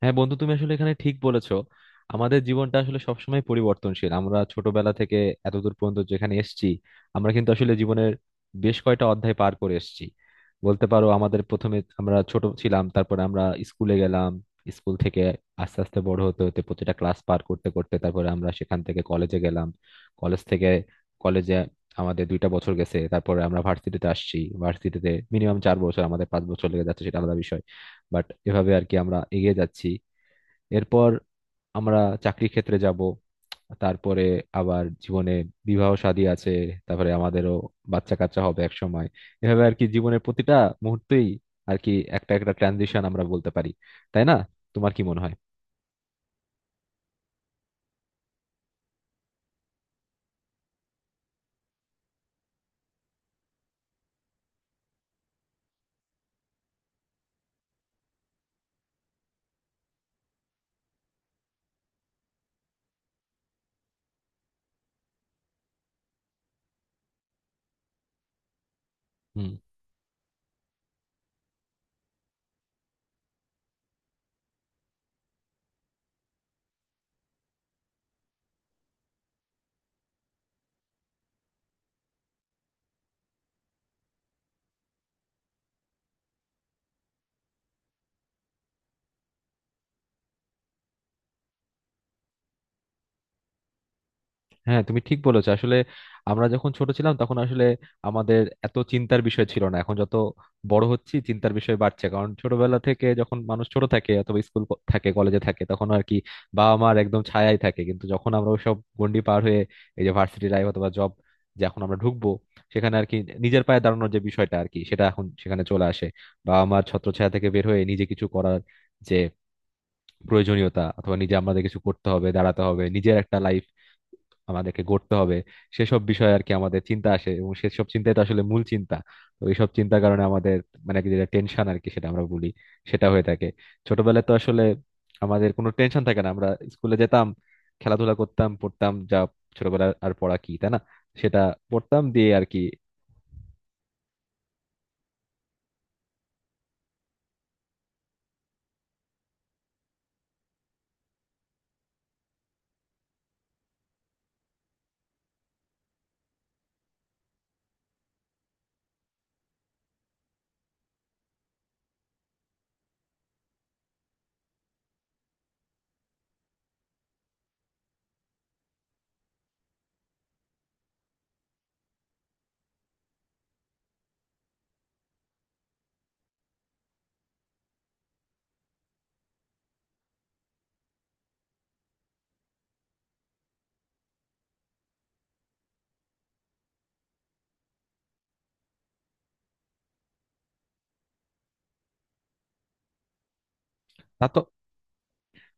হ্যাঁ বন্ধু, তুমি আসলে এখানে ঠিক বলেছো। আমাদের জীবনটা আসলে সবসময় পরিবর্তনশীল। আমরা ছোটবেলা থেকে এতদূর পর্যন্ত যেখানে এসেছি, আমরা কিন্তু আসলে জীবনের বেশ কয়টা অধ্যায় পার করে এসেছি। বলতে পারো, আমাদের প্রথমে আমরা ছোট ছিলাম, তারপরে আমরা স্কুলে গেলাম। স্কুল থেকে আস্তে আস্তে বড় হতে হতে প্রতিটা ক্লাস পার করতে করতে তারপরে আমরা সেখান থেকে কলেজে গেলাম। কলেজ থেকে কলেজে আমাদের 2টা বছর গেছে, তারপরে আমরা ভার্সিটিতে আসছি। ভার্সিটিতে মিনিমাম 4 বছর, আমাদের 5 বছর লেগে যাচ্ছে, সেটা আলাদা বিষয়। বাট এভাবে আর কি আমরা এগিয়ে যাচ্ছি। এরপর আমরা চাকরি ক্ষেত্রে যাব, তারপরে আবার জীবনে বিবাহ শাদী আছে, তারপরে আমাদেরও বাচ্চা কাচ্চা হবে এক সময়। এভাবে আর কি জীবনের প্রতিটা মুহূর্তেই আর কি একটা একটা ট্রানজিশন আমরা বলতে পারি। তাই না? তোমার কি মনে হয়? হুম। হ্যাঁ, তুমি ঠিক বলেছো। আসলে আমরা যখন ছোট ছিলাম তখন আসলে আমাদের এত চিন্তার বিষয় ছিল না, এখন যত বড় হচ্ছি চিন্তার বিষয় বাড়ছে। কারণ ছোটবেলা থেকে যখন মানুষ ছোট থাকে অথবা স্কুল থাকে, কলেজে থাকে, তখন আর কি বাবা মার একদম ছায়াই থাকে। কিন্তু যখন আমরা সব গন্ডি পার হয়ে এই যে ভার্সিটি লাইফ অথবা জব, যে এখন আমরা ঢুকবো, সেখানে আর কি নিজের পায়ে দাঁড়ানোর যে বিষয়টা আর কি সেটা এখন সেখানে চলে আসে। বাবা মার ছত্রছায়া থেকে বের হয়ে নিজে কিছু করার যে প্রয়োজনীয়তা, অথবা নিজে আমাদের কিছু করতে হবে, দাঁড়াতে হবে, নিজের একটা লাইফ আমাদেরকে গড়তে হবে, সেসব বিষয়ে আর কি আমাদের চিন্তা আসে, এবং সেসব চিন্তাই তো আসলে মূল চিন্তা। তো এইসব চিন্তার কারণে আমাদের মানে কি যেটা টেনশন আর কি সেটা আমরা বলি, সেটা হয়ে থাকে। ছোটবেলায় তো আসলে আমাদের কোনো টেনশন থাকে না। আমরা স্কুলে যেতাম, খেলাধুলা করতাম, পড়তাম, যা ছোটবেলায় আর পড়া কি, তাই না? সেটা পড়তাম দিয়ে আর কি।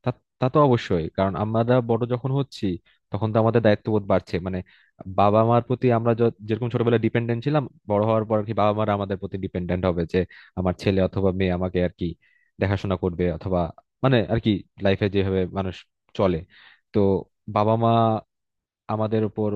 তা তা তো অবশ্যই, কারণ আমরা বড় যখন হচ্ছি তখন তো আমাদের দায়িত্ববোধ বাড়ছে। মানে বাবা মার প্রতি আমরা যেরকম ছোটবেলায় ডিপেন্ডেন্ট ছিলাম, বড় হওয়ার পর আর কি বাবা মারা আমাদের প্রতি ডিপেন্ডেন্ট হবে যে, আমার ছেলে অথবা মেয়ে আমাকে আর কি দেখাশোনা করবে। অথবা মানে আর কি লাইফে যেভাবে মানুষ চলে, তো বাবা মা আমাদের উপর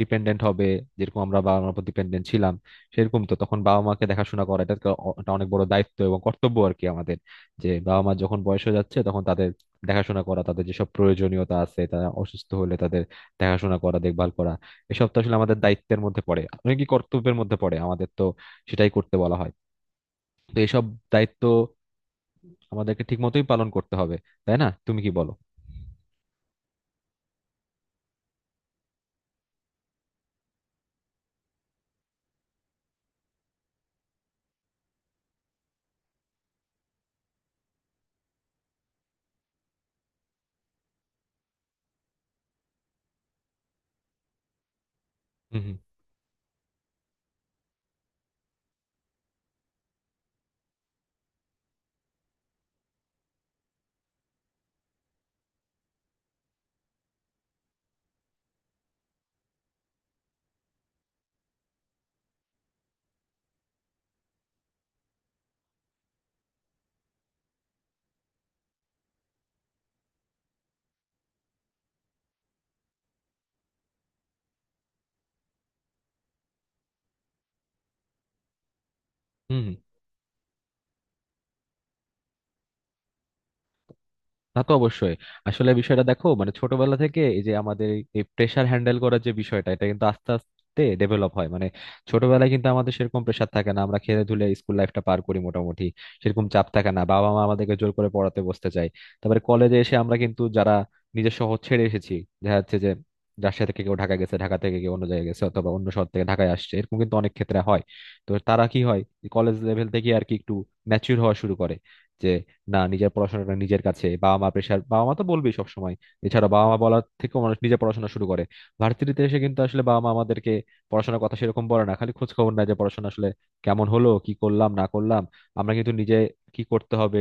ডিপেন্ডেন্ট হবে যেরকম আমরা বাবা মার উপর ডিপেন্ডেন্ট ছিলাম। সেরকম তো তখন বাবা মাকে দেখাশোনা করা এটা তো একটা অনেক বড় দায়িত্ব এবং কর্তব্য আর কি আমাদের। যে বাবা মা যখন বয়স হয়ে যাচ্ছে তখন তাদের দেখাশোনা করা, তাদের যেসব প্রয়োজনীয়তা আছে, তারা অসুস্থ হলে তাদের দেখাশোনা করা, দেখভাল করা, এসব তো আসলে আমাদের দায়িত্বের মধ্যে পড়ে, অনেক কি কর্তব্যের মধ্যে পড়ে আমাদের, তো সেটাই করতে বলা হয়। তো এসব দায়িত্ব আমাদেরকে ঠিক মতোই পালন করতে হবে। তাই না? তুমি কি বলো? হুম। হুম। হুম। হুম। তা তো অবশ্যই। আসলে বিষয়টা দেখো, মানে ছোটবেলা থেকে এই যে আমাদের এই প্রেসার হ্যান্ডেল করার যে বিষয়টা, এটা কিন্তু আস্তে আস্তে ডেভেলপ হয়। মানে ছোটবেলায় কিন্তু আমাদের সেরকম প্রেসার থাকে না, আমরা খেলে ধুলে স্কুল লাইফটা পার করি মোটামুটি, সেরকম চাপ থাকে না, বাবা মা আমাদেরকে জোর করে পড়াতে বসতে চায়। তারপরে কলেজে এসে আমরা কিন্তু যারা নিজের শহর ছেড়ে এসেছি, দেখা যাচ্ছে যে রাজশাহী থেকে কেউ ঢাকা গেছে, ঢাকা থেকে কেউ অন্য জায়গায় গেছে, অথবা অন্য শহর থেকে ঢাকায় আসছে, এরকম কিন্তু অনেক ক্ষেত্রে হয়। তো তারা কি হয়, কলেজ লেভেল থেকে আর কি একটু ম্যাচিউর হওয়া শুরু করে যে, না, নিজের পড়াশোনাটা নিজের কাছে, বাবা মা প্রেশার, বাবা মা তো বলবেই সবসময়। এছাড়া বাবা মা বলার থেকেও মানুষ নিজে পড়াশোনা শুরু করে। ভার্সিটিতে এসে কিন্তু আসলে বাবা মা আমাদেরকে পড়াশোনার কথা সেরকম বলে না, খালি খোঁজ খবর নেয় যে পড়াশোনা আসলে কেমন হলো, কি করলাম, না করলাম। আমরা কিন্তু নিজে কি করতে হবে,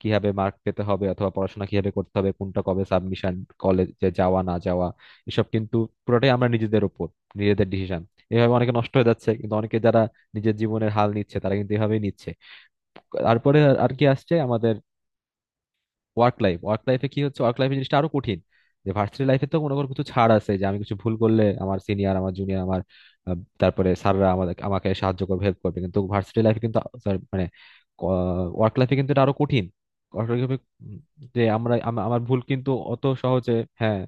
কিভাবে মার্ক পেতে হবে, অথবা পড়াশোনা কিভাবে করতে হবে, কোনটা কবে সাবমিশন, কলেজে যাওয়া না যাওয়া, এসব কিন্তু পুরোটাই আমরা নিজেদের উপর, নিজেদের ডিসিশন। এভাবে অনেকে নষ্ট হয়ে যাচ্ছে, কিন্তু অনেকে যারা নিজের জীবনের হাল নিচ্ছে তারা কিন্তু এভাবেই নিচ্ছে। তারপরে আর আর কি আসছে আমাদের ওয়ার্ক লাইফ। ওয়ার্ক লাইফে কি হচ্ছে, ওয়ার্ক লাইফে জিনিসটা আরো কঠিন। যে ভার্সিটি লাইফে তো মনে করো কিছু ছাড় আছে, যে আমি কিছু ভুল করলে আমার সিনিয়র, আমার জুনিয়র, আমার তারপরে স্যাররা আমাদের, আমাকে সাহায্য করবে, হেল্প করবে। কিন্তু ভার্সিটি লাইফে কিন্তু sorry, মানে ওয়ার্ক লাইফে কিন্তু এটা আরো কঠিন। ওয়ার্ক লাইফে যে আমরা আমার ভুল কিন্তু অত সহজে। হ্যাঁ।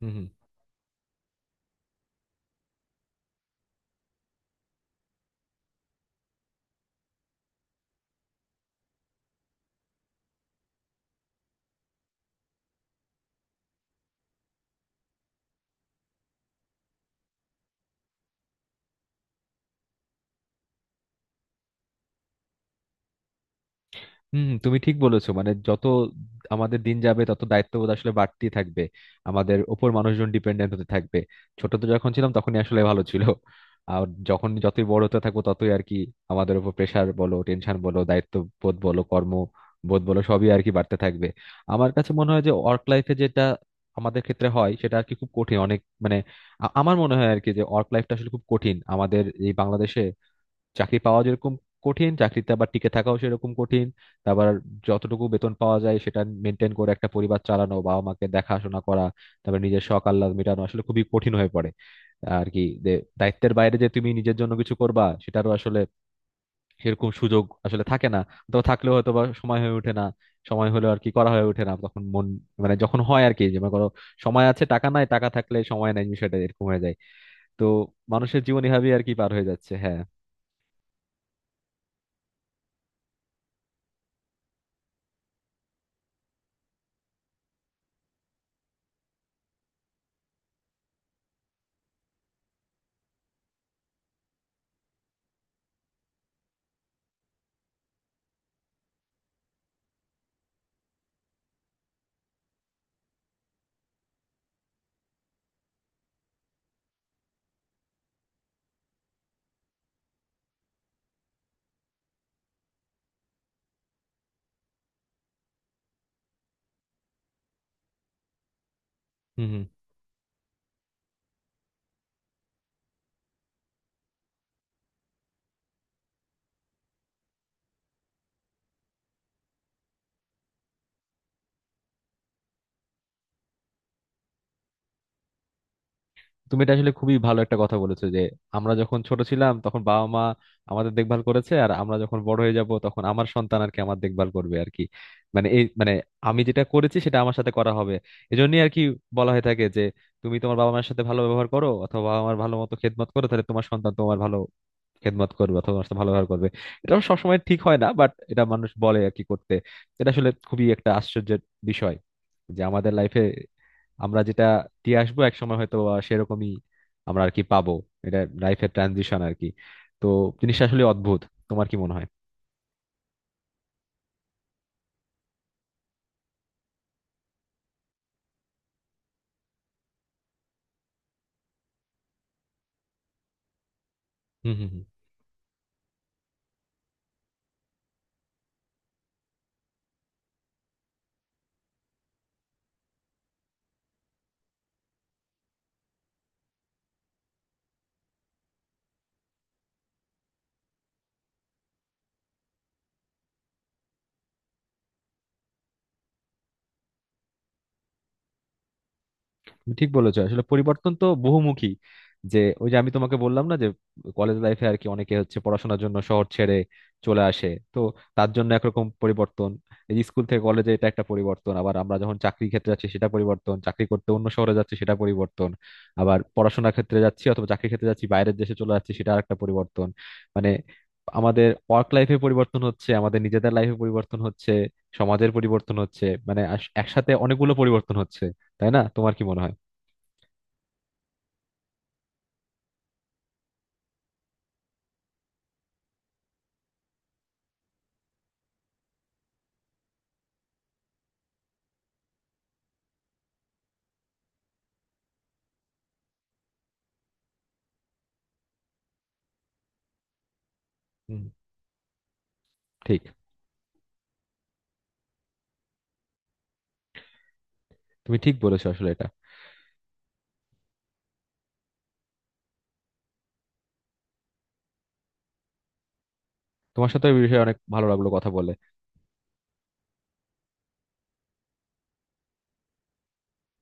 হুম। হুম। হুম। তুমি ঠিক বলেছো মানে যত আমাদের দিন যাবে তত দায়িত্ববোধ আসলে বাড়তেই থাকবে, আমাদের ওপর মানুষজন ডিপেন্ডেন্ট হতে থাকবে। ছোট তো যখন ছিলাম তখনই আসলে ভালো ছিল, আর যখন যতই বড় হতে থাকবো ততই আর কি আমাদের উপর প্রেসার বলো, টেনশন বলো, দায়িত্ববোধ বলো, কর্ম বোধ বলো, সবই আর কি বাড়তে থাকবে। আমার কাছে মনে হয় যে ওয়ার্ক লাইফে যেটা আমাদের ক্ষেত্রে হয় সেটা আর কি খুব কঠিন, অনেক মানে আমার মনে হয় আর কি যে ওয়ার্ক লাইফটা আসলে খুব কঠিন আমাদের এই বাংলাদেশে। চাকরি পাওয়া যেরকম কঠিন, চাকরিতে আবার টিকে থাকাও সেরকম কঠিন। তারপর যতটুকু বেতন পাওয়া যায় সেটা মেনটেন করে একটা পরিবার চালানো, বাবা মাকে দেখাশোনা করা, তারপর নিজের শখ আহ্লাদ মেটানো আসলে খুবই কঠিন হয়ে পড়ে। আর কি যে দায়িত্বের বাইরে যে তুমি নিজের জন্য কিছু করবা সেটারও আসলে সেরকম সুযোগ আসলে থাকে না, অথবা থাকলেও হয়তো বা সময় হয়ে ওঠে না, সময় হলেও আর কি করা হয়ে ওঠে না। তখন মন, মানে যখন হয় আর কি, যে মনে করো সময় আছে টাকা নাই, টাকা থাকলে সময় নাই, বিষয়টা এরকম হয়ে যায়। তো মানুষের জীবন এভাবেই আর কি পার হয়ে যাচ্ছে। হ্যাঁ। হুম। হুম। তুমি এটা আসলে খুবই ভালো একটা কথা বলেছো, যে আমরা যখন ছোট ছিলাম তখন বাবা মা আমাদের দেখভাল করেছে, আর আমরা যখন বড় হয়ে যাব তখন আমার সন্তান আর কি আমার দেখভাল করবে আর কি। মানে এই মানে আমি যেটা করেছি সেটা আমার সাথে করা হবে। এজন্যই আর কি বলা হয়ে থাকে যে, তুমি তোমার বাবা মায়ের সাথে ভালো ব্যবহার করো অথবা বাবা মার ভালো মতো খেদমত করো, তাহলে তোমার সন্তান তোমার ভালো খেদমত করবে অথবা তোমার সাথে ভালো ব্যবহার করবে। এটা অবশ্য সবসময় ঠিক হয় না, বাট এটা মানুষ বলে আর কি করতে। এটা আসলে খুবই একটা আশ্চর্যের বিষয়, যে আমাদের লাইফে আমরা যেটা দিয়ে আসবো এক সময় হয়তো বা সেরকমই আমরা আর কি পাবো। এটা লাইফের ট্রানজিশন আর কি। তো জিনিসটা আসলে অদ্ভুত। তোমার কি মনে হয়? হুম। হুম। হুম। তুমি ঠিক বলেছো, আসলে পরিবর্তন তো বহুমুখী। যে ওই যে আমি তোমাকে বললাম না, যে কলেজ লাইফে আর কি অনেকে হচ্ছে পড়াশোনার জন্য শহর ছেড়ে চলে আসে, তো তার জন্য একরকম পরিবর্তন। এই যে স্কুল থেকে কলেজে, এটা একটা পরিবর্তন। আবার আমরা যখন চাকরি ক্ষেত্রে যাচ্ছি সেটা পরিবর্তন, চাকরি করতে অন্য শহরে যাচ্ছি সেটা পরিবর্তন। আবার পড়াশোনার ক্ষেত্রে যাচ্ছি অথবা চাকরি ক্ষেত্রে যাচ্ছি বাইরের দেশে চলে যাচ্ছি, সেটা আরেকটা পরিবর্তন। মানে আমাদের ওয়ার্ক লাইফে পরিবর্তন হচ্ছে, আমাদের নিজেদের লাইফে পরিবর্তন হচ্ছে, সমাজের পরিবর্তন হচ্ছে, মানে একসাথে অনেকগুলো পরিবর্তন হচ্ছে। তাই না? তোমার কি মনে হয়? হুম, ঠিক। তুমি ঠিক বলেছো আসলে এটা। তোমার সাথে এই বিষয়ে অনেক ভালো লাগলো কথা বলে।